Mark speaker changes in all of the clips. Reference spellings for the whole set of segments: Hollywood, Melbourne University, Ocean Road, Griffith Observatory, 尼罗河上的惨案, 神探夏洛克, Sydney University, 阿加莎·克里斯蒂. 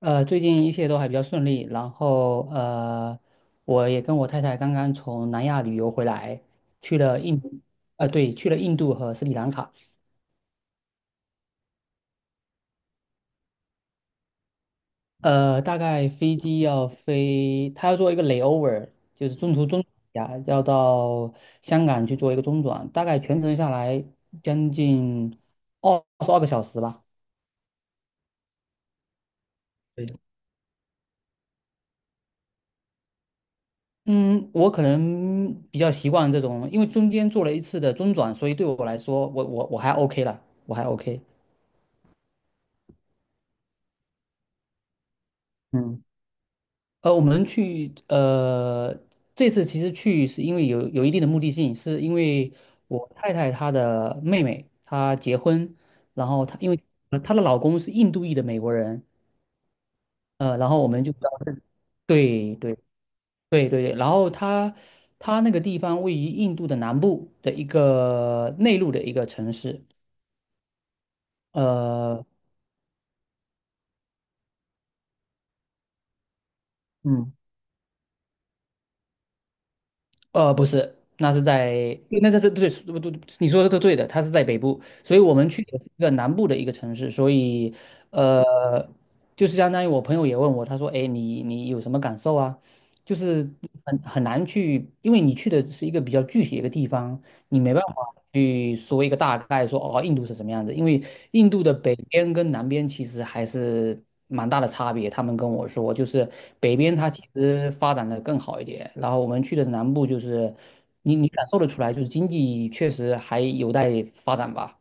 Speaker 1: 最近一切都还比较顺利，然后我也跟我太太刚刚从南亚旅游回来，去了印，对，去了印度和斯里兰卡，大概飞机要飞，他要做一个 layover，就是中途中呀，要到香港去做一个中转，大概全程下来将近22个小时吧。对。嗯，我可能比较习惯这种，因为中间做了一次的中转，所以对我来说，我还 OK 了，我还 OK。嗯我们去这次其实去是因为有一定的目的性，是因为我太太她的妹妹她结婚，然后她因为她的老公是印度裔的美国人，然后我们就对对对对对，然后她那个地方位于印度的南部的一个内陆的一个城市，呃。嗯。不是，那是在，对那这是对，对对，你说的都对的，它是在北部，所以我们去的是一个南部的一个城市，所以，呃，就是相当于我朋友也问我，他说，哎，你有什么感受啊？就是很难去，因为你去的是一个比较具体的一个地方，你没办法。去说一个大概说，哦，印度是什么样子？因为印度的北边跟南边其实还是蛮大的差别。他们跟我说，就是北边它其实发展的更好一点，然后我们去的南部就是，你感受得出来，就是经济确实还有待发展吧。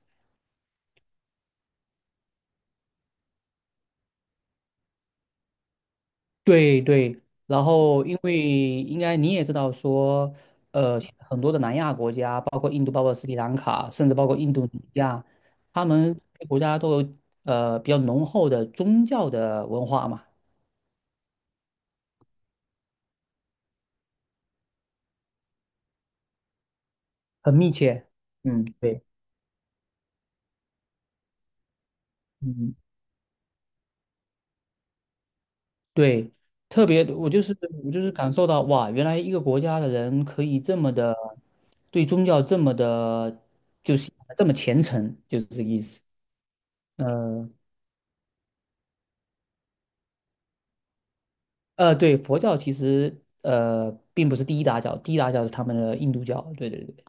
Speaker 1: 对对，然后因为应该你也知道说，呃，很多的南亚国家，包括印度、包括斯里兰卡，甚至包括印度尼西亚，他们国家都有比较浓厚的宗教的文化嘛，很密切。嗯，对，嗯，对，特别我就是感受到哇，原来一个国家的人可以这么的对宗教这么的，就是这么虔诚，就是这个意思。嗯。对，佛教其实并不是第一大教，第一大教是他们的印度教。对对对，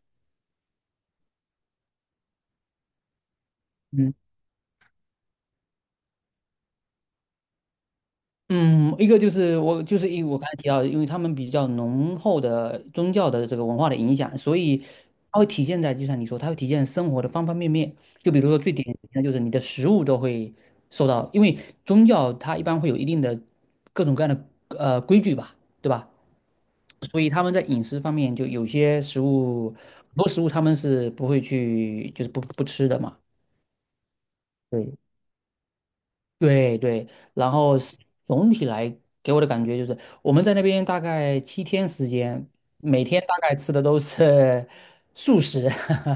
Speaker 1: 嗯嗯，一个就是我就是因为我刚才提到的，因为他们比较浓厚的宗教的这个文化的影响，所以它会体现在就像你说，它会体现生活的方方面面。就比如说最典型的就是你的食物都会受到，因为宗教它一般会有一定的各种各样的规矩吧，对吧？所以他们在饮食方面，就有些食物，很多食物他们是不会去，就是不吃的嘛。对对对，然后是总体来给我的感觉就是，我们在那边大概7天时间，每天大概吃的都是 素食。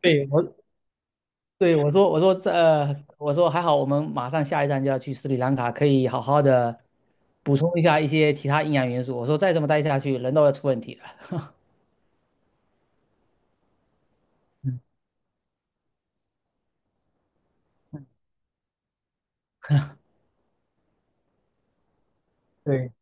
Speaker 1: 对我，对我说，我说这，我说还好，我们马上下一站就要去斯里兰卡，可以好好的补充一下一些其他营养元素。我说再这么待下去，人都要出问题了。嗯，对。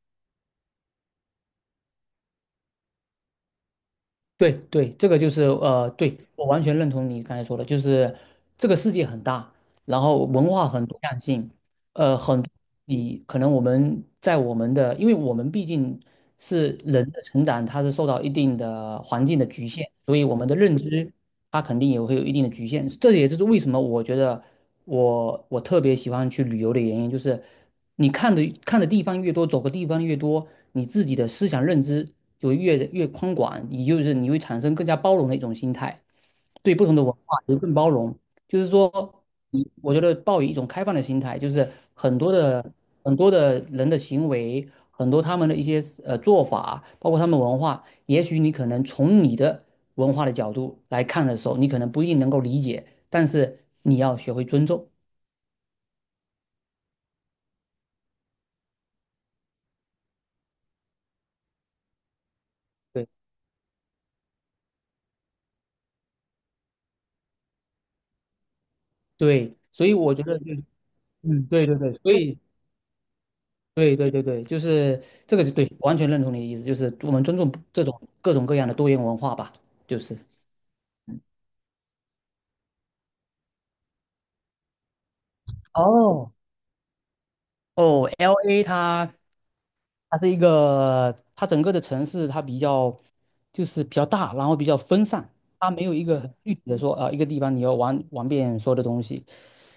Speaker 1: 对对，这个就是对，我完全认同你刚才说的，就是这个世界很大，然后文化很多样性，很你可能我们在我们的，因为我们毕竟是人的成长，它是受到一定的环境的局限，所以我们的认知它肯定也会有一定的局限，这也就是为什么我觉得。我特别喜欢去旅游的原因就是，你看的地方越多，走的地方越多，你自己的思想认知就越宽广，也就是你会产生更加包容的一种心态，对不同的文化也更包容。就是说，你我觉得抱以一种开放的心态，就是很多的很多的人的行为，很多他们的一些做法，包括他们文化，也许你可能从你的文化的角度来看的时候，你可能不一定能够理解。但是你要学会尊重。对，对，所以我觉得就是，嗯，对对对，所以对对对对，就是这个是对，完全认同你的意思，就是我们尊重这种各种各样的多元文化吧，就是。哦，哦，LA 它是一个，它整个的城市它比较就是比较大，然后比较分散，它没有一个很具体的说啊、一个地方你要玩玩遍所有的东西，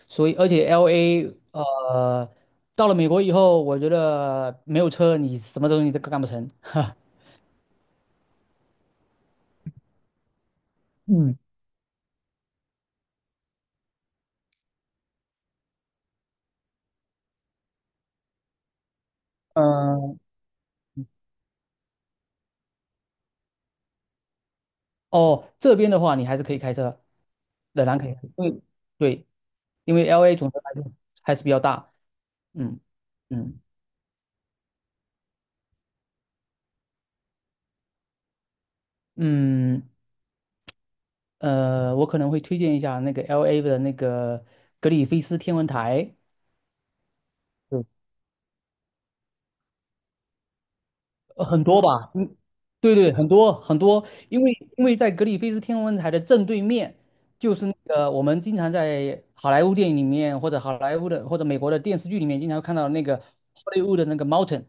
Speaker 1: 所以而且 LA 到了美国以后，我觉得没有车你什么东西都干不成。哈，嗯嗯哦，这边的话你还是可以开车，仍然可以对，因为对，因为 LA 总的来说还是比较大。嗯嗯嗯，我可能会推荐一下那个 LA 的那个格里菲斯天文台。很多吧，嗯，对对，很多很多，因为在格里菲斯天文台的正对面，就是那个我们经常在好莱坞电影里面，或者好莱坞的或者美国的电视剧里面，经常看到那个 HOL 的那个 mountain。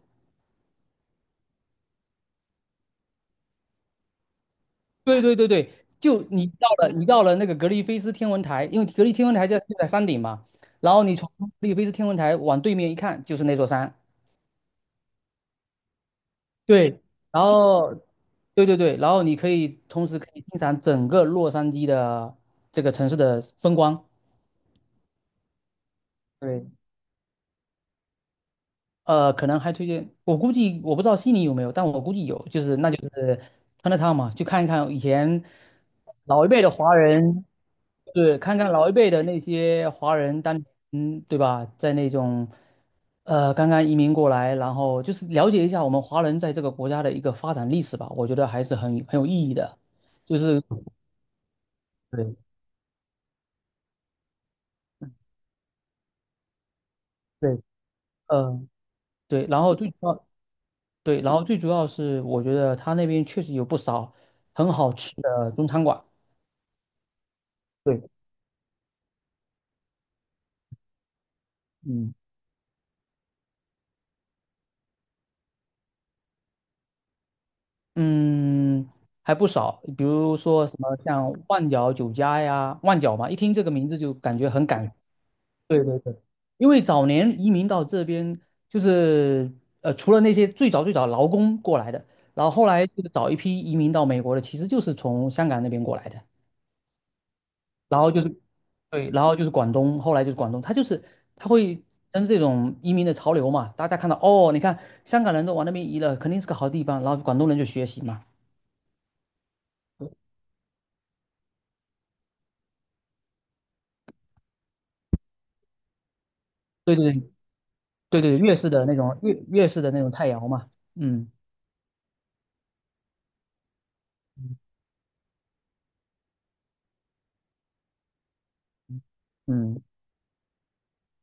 Speaker 1: 对对对对，就你到了那个格里菲斯天文台，因为格里菲斯天文台在就在山顶嘛，然后你从格里菲斯天文台往对面一看，就是那座山，对，然后对对对，然后你可以同时可以欣赏整个洛杉矶的这个城市的风光。对，可能还推荐，我估计我不知道悉尼有没有，但我估计有，就是那就是 CHI 嘛，去看一看以前老一辈的华人，对，看看老一辈的那些华人当，嗯，对吧，在那种刚刚移民过来，然后就是了解一下我们华人在这个国家的一个发展历史吧，我觉得还是很有意义的。就是对对，嗯，对，然后最主要，对，然后最主要是，我觉得他那边确实有不少很好吃的中餐馆，对，嗯嗯，还不少，比如说什么像万角酒家呀，万角嘛，一听这个名字就感觉很感，对对对，因为早年移民到这边，就是除了那些最早最早劳工过来的，然后后来就是早一批移民到美国的，其实就是从香港那边过来的。然后就是对，然后就是广东，后来就是广东，他就是他会跟这种移民的潮流嘛，大家看到哦，你看香港人都往那边移了，肯定是个好地方，然后广东人就学习嘛，对对对对对，粤式的那种太阳嘛，嗯嗯，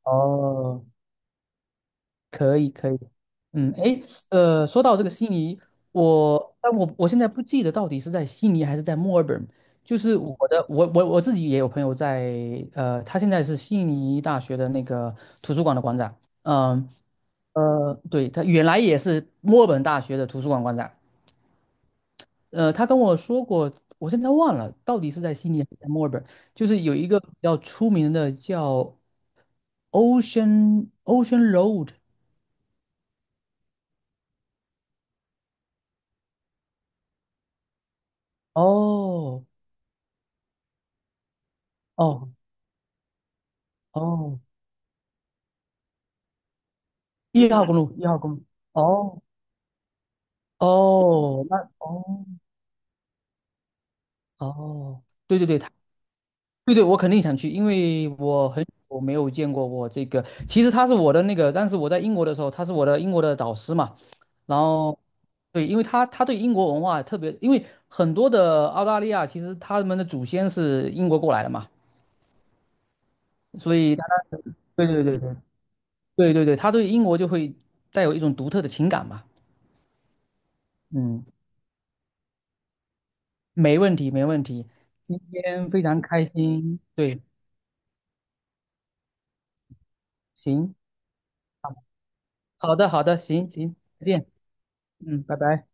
Speaker 1: 哦，可以可以，嗯，诶，说到这个悉尼，但我现在不记得到底是在悉尼还是在墨尔本。就是我的，我我我自己也有朋友在，他现在是悉尼大学的那个图书馆的馆长，嗯对，他原来也是墨尔本大学的图书馆馆长，他跟我说过，我现在忘了到底是在悉尼还是在墨尔本，就是有一个比较出名的叫 Ocean Road，哦哦哦，一号公路，一号公路。哦哦，那哦哦，对对对，他对对，我肯定想去，因为我没有见过我这个，其实他是我的那个，但是我在英国的时候，他是我的英国的导师嘛，然后对，因为他对英国文化特别，因为很多的澳大利亚其实他们的祖先是英国过来的嘛，所以他对对对对对对对，他对英国就会带有一种独特的情感嘛，嗯没问题，没问题。今天非常开心，对，行，好的，好的，行行，再见，嗯，拜拜。